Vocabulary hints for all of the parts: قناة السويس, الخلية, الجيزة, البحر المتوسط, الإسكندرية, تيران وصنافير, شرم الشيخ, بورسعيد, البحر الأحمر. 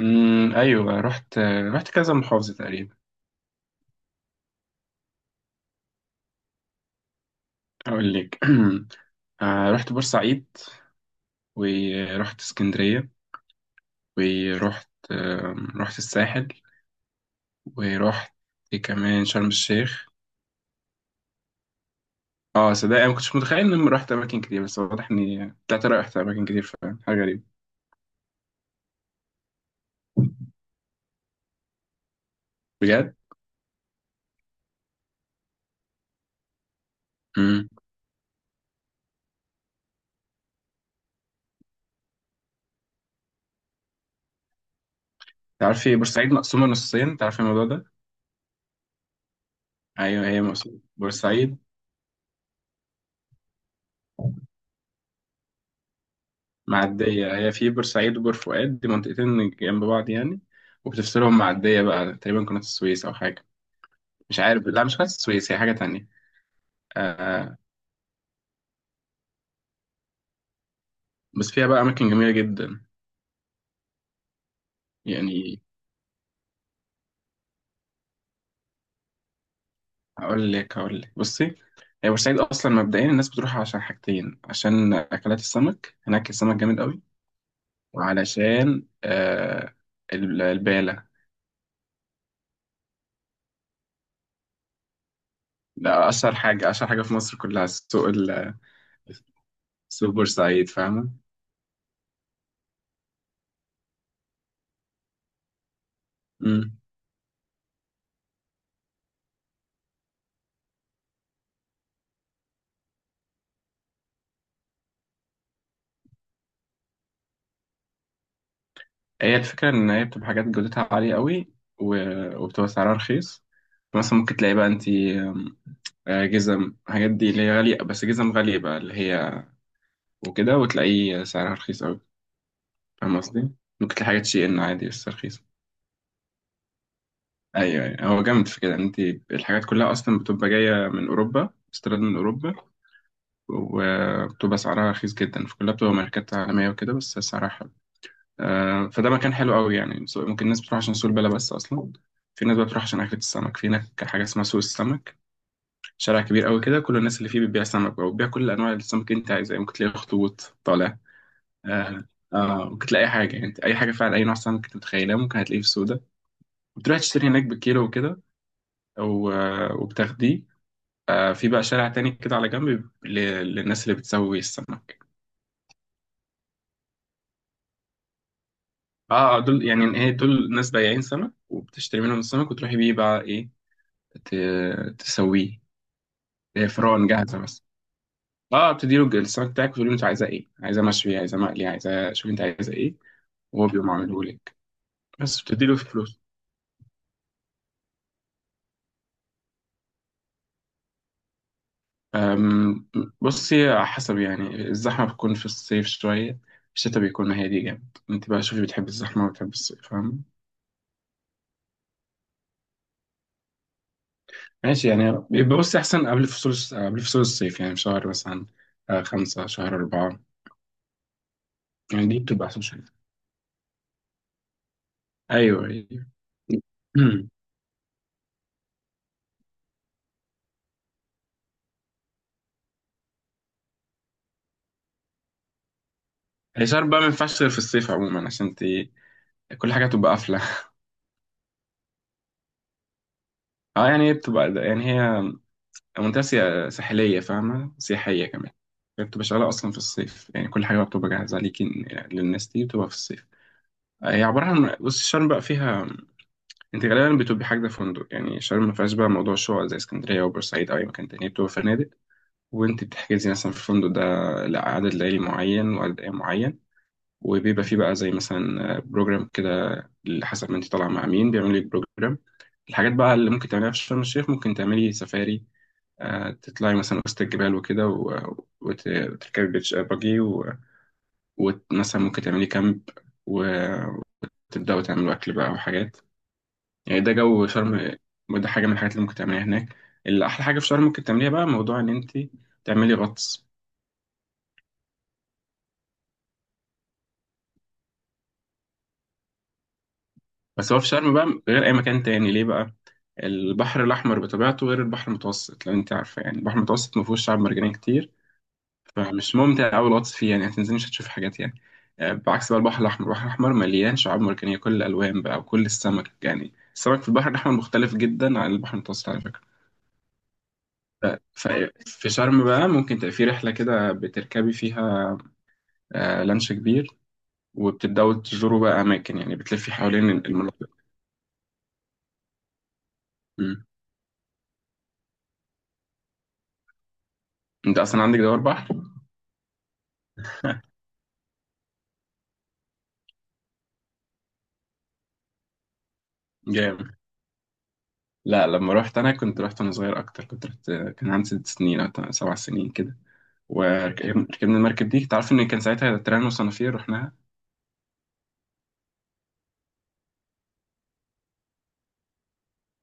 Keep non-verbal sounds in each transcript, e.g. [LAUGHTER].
ايوه رحت كذا محافظه تقريبا. اقول لك. [CLEARS THROAT] رحت بورسعيد، ورحت اسكندريه، ورحت رحت الساحل، ورحت إيه كمان شرم الشيخ. اه صدق انا ما كنتش متخيل اني رحت اماكن كتير، بس واضح اني طلعت رحت اماكن كتير فعلا، حاجه غريبه بجد. امم تعرفي بورسعيد مقسومه نصين، تعرفي الموضوع ده؟ ايوه هي مقسومه بورسعيد. معدية، هي في بورسعيد وبور فؤاد، دي منطقتين جنب بعض يعني، وبتفصلهم معدية بقى تقريبا قناة السويس أو حاجة، مش عارف، لا مش قناة السويس هي حاجة تانية. آه، بس فيها بقى أماكن جميلة جدا. يعني هقول لك هقول لك بصي، هي بورسعيد أصلا مبدئيا الناس بتروحها عشان حاجتين، عشان أكلات السمك هناك، السمك جامد قوي، وعلشان آه البالة. ده أشهر حاجة أشهر حاجة في مصر كلها، سوق سوق بورسعيد، فاهمة؟ هي الفكرة إن هي بتبقى حاجات جودتها عالية قوي، و- وبتبقى سعرها رخيص. مثلا ممكن تلاقي بقى أنتي جزم، الحاجات دي اللي هي غالية، بس جزم غالية بقى اللي هي وكده، وتلاقيه سعرها رخيص قوي، فاهم قصدي؟ ممكن تلاقي حاجات شي إن عادي بس رخيصة. أيوه، أيوه، هو جامد في كده، إن أنتي الحاجات كلها أصلا بتبقى جاية من أوروبا، استيراد من أوروبا، وبتبقى سعرها رخيص جدا، فكلها بتبقى ماركات عالمية وكده بس سعرها حلو. فده مكان حلو قوي، يعني ممكن الناس بتروح عشان سوق البلا، بس اصلا في ناس بقى بتروح عشان اكلة السمك. في هناك حاجة اسمها سوق السمك، شارع كبير قوي كده، كل الناس اللي فيه بتبيع سمك بقى، وبتبيع كل انواع السمك اللي انت عايزها، يعني ممكن تلاقي اخطبوط طالع. آه، آه ممكن تلاقي اي حاجة، يعني انت اي حاجة فعلا، اي نوع سمك انت متخيلها ممكن هتلاقيه في السوق ده. بتروح تشتري هناك بالكيلو وكده، وبتاخديه. آه في بقى شارع تاني كده على جنب للناس اللي بتسوي السمك. اه، دول يعني هي دول ناس بياعين سمك، وبتشتري منهم السمك وتروحي بيه بقى ايه، تسويه. هي فرن جاهزه بس، اه بتدي له السمك بتاعك وتقول له انت عايزه ايه، عايزه مشوي، عايزه مقلي، عايزه، شوف انت عايزه ايه، وهو بيقوم عامله لك، بس بتدي له فلوس. أم، بصي على حسب، يعني الزحمه بتكون في الصيف شويه، الشتا بيكون هادي جامد، انت بقى شوفي بتحب الزحمه ولا بتحب الصيف، فاهم؟ ماشي، يعني بيبقى بصي احسن قبل فصول، قبل فصول الصيف، يعني في شهر مثلا، 5، شهر 4. يعني دي بتبقى أحسن شوية، أيوه، أيوه. [CLEARS THROAT] هي بقى ما ينفعش غير في الصيف عموما، عشان انت كل حاجة تبقى قافلة. [LAUGHS] اه، يعني هي بتبقى يعني هي منطقة ساحلية، فاهمة؟ سياحية كمان. هي بتبقى شغالة أصلا في الصيف، يعني كل حاجة بتبقى جاهزة ليكي، للناس دي بتبقى في الصيف. آه، هي عبارة عن بص، شرم بقى فيها، انت غالبا بتبقي حاجة فندق، يعني شرم ما فيهاش بقى موضوع شقق زي اسكندرية وبورسعيد أو أي مكان تاني، بتبقى فنادق. وانت بتحجزي مثلا في الفندق ده لعدد ليالي معين وعدد أيام معين، وبيبقى فيه بقى زي مثلا بروجرام كده، اللي حسب ما انت طالعه مع مين بيعمل لك بروجرام. الحاجات بقى اللي ممكن تعمليها في شرم الشيخ، ممكن تعملي سفاري، تطلعي مثلا وسط الجبال وكده، وتركبي بيتش باجي، ومثلا ممكن تعملي كامب، وتبدأوا تعملوا أكل بقى وحاجات، يعني ده جو شرم. وده حاجة من الحاجات اللي ممكن تعمليها هناك. اللي أحلى حاجة في شرم ممكن تعمليها بقى، موضوع إن أنت تعملي غطس. بس هو في شرم بقى غير أي مكان تاني، ليه بقى؟ البحر الأحمر بطبيعته غير البحر المتوسط، لو أنت عارفة، يعني البحر المتوسط ما فيهوش شعاب مرجانية كتير، فمش ممتع أوي الغطس فيه، يعني هتنزلي مش هتشوفي حاجات يعني. آه، بعكس بقى البحر الأحمر، البحر الأحمر مليان شعاب مرجانية كل الألوان بقى، وكل السمك، يعني السمك في البحر الأحمر مختلف جدا عن البحر المتوسط، على فكرة. ف- في شرم بقى ممكن تبقى في رحلة كده بتركبي فيها، لانش كبير، وبتبدأوا تزوروا بقى أماكن، يعني بتلفي حوالين المناطق. مم. أنت أصلا عندك دوار بحر؟ جامد. لا، لما رحت انا كنت رحت وانا صغير اكتر، كنت رحت كان عندي 6 سنين او 7 سنين كده، وركبنا المركب دي، تعرف ان كان ساعتها تيران وصنافير رحناها.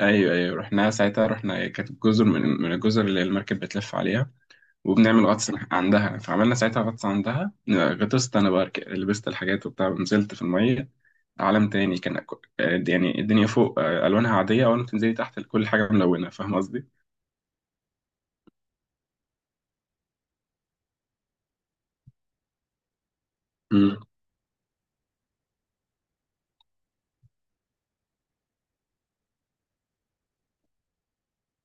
ايوه، ايوه رحناها ساعتها، رحنا كانت جزر، من الجزر اللي المركب بتلف عليها، وبنعمل غطس عندها، فعملنا ساعتها غطس عندها، غطست انا بقى، لبست الحاجات وبتاع، ونزلت في الميه. عالم تاني كان يعني الدنيا فوق آه، الوانها عاديه، اول ما تنزلي تحت كل حاجه ملونه، فاهم قصدي؟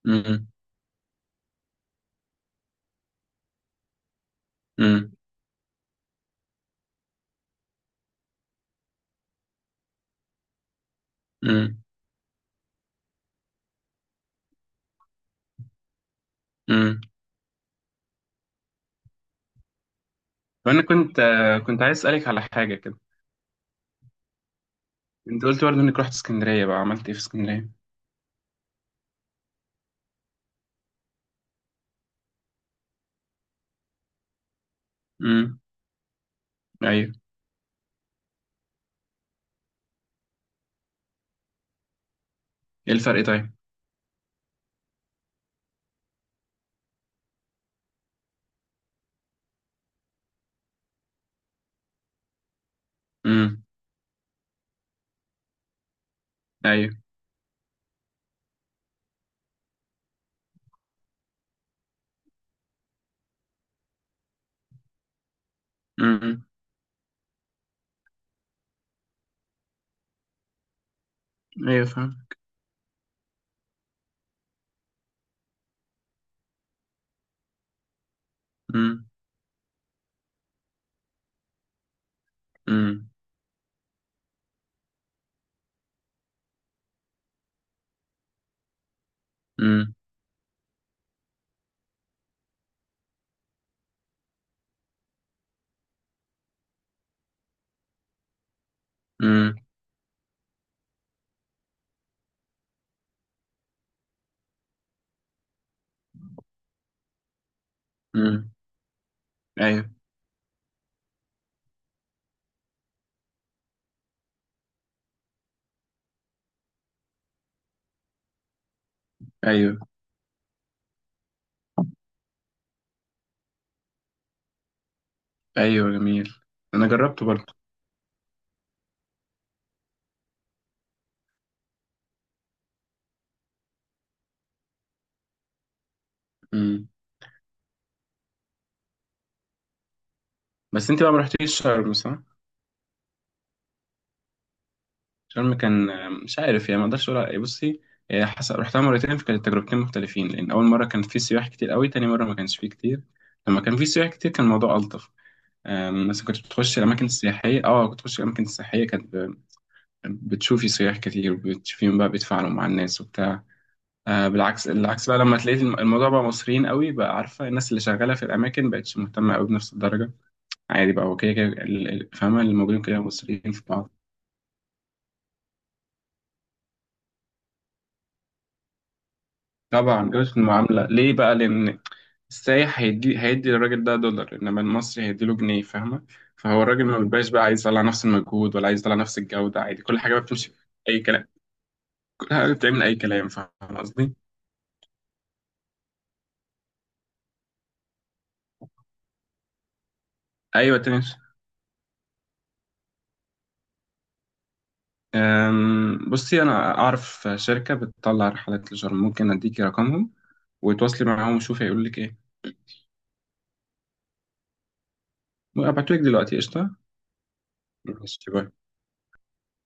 امم امم امم فانا كنت كنت عايز اسالك على حاجه كده. انت قلت برضه انك رحت اسكندريه، بقى عملت ايه في اسكندريه؟ امم ايوه، ايه الفرق طيب؟ امم ايوه. امم ايوه، فاهم. امم امم امم امم أمم. ايوه، ايوه. ايوه جميل، انا جربته برضه. امم. بس انت بقى ما رحتيش شرم، صح؟ شرم كان آه، مش عارف يعني ما اقدرش اقول بصي، آه، رحتها مرتين، فكانت تجربتين مختلفين، لان اول مره كان في سياح كتير قوي، تاني مره ما كانش فيه كتير. لما كان في سياح كتير كان الموضوع الطف. آم، بس كنت بتخش الأماكن السياحية، اه كنت بتخش الأماكن السياحية، بتشوفي سياح كتير، وبتشوفيهم بقى بيتفاعلوا مع الناس وبتاع. آه بالعكس، العكس بقى لما تلاقي الموضوع بقى مصريين قوي بقى، عارفة الناس اللي شغالة في الأماكن بقتش مهتمة قوي بنفس الدرجة. عادي بقى هو كده كده، فاهمة؟ اللي موجودين كده مصريين في بعض. طبعا جودة المعاملة ليه بقى؟ لأن السايح هيدي للراجل ده دولار، انما المصري هيديله جنيه، فاهمه؟ فهو الراجل ما بيبقاش بقى عايز يطلع نفس المجهود، ولا عايز يطلع نفس الجوده، عادي كل حاجه بقى بتمشي في اي كلام، كل حاجة بتعمل أي كلام، فاهم قصدي؟ أيوة تمشي. أم، بصي، أنا أعرف شركة بتطلع رحلات لشرم، ممكن أديكي رقمهم وتواصلي معاهم وشوفي هيقولوا لك إيه. وأبعتولك دلوقتي، قشطة؟ ماشي، باي.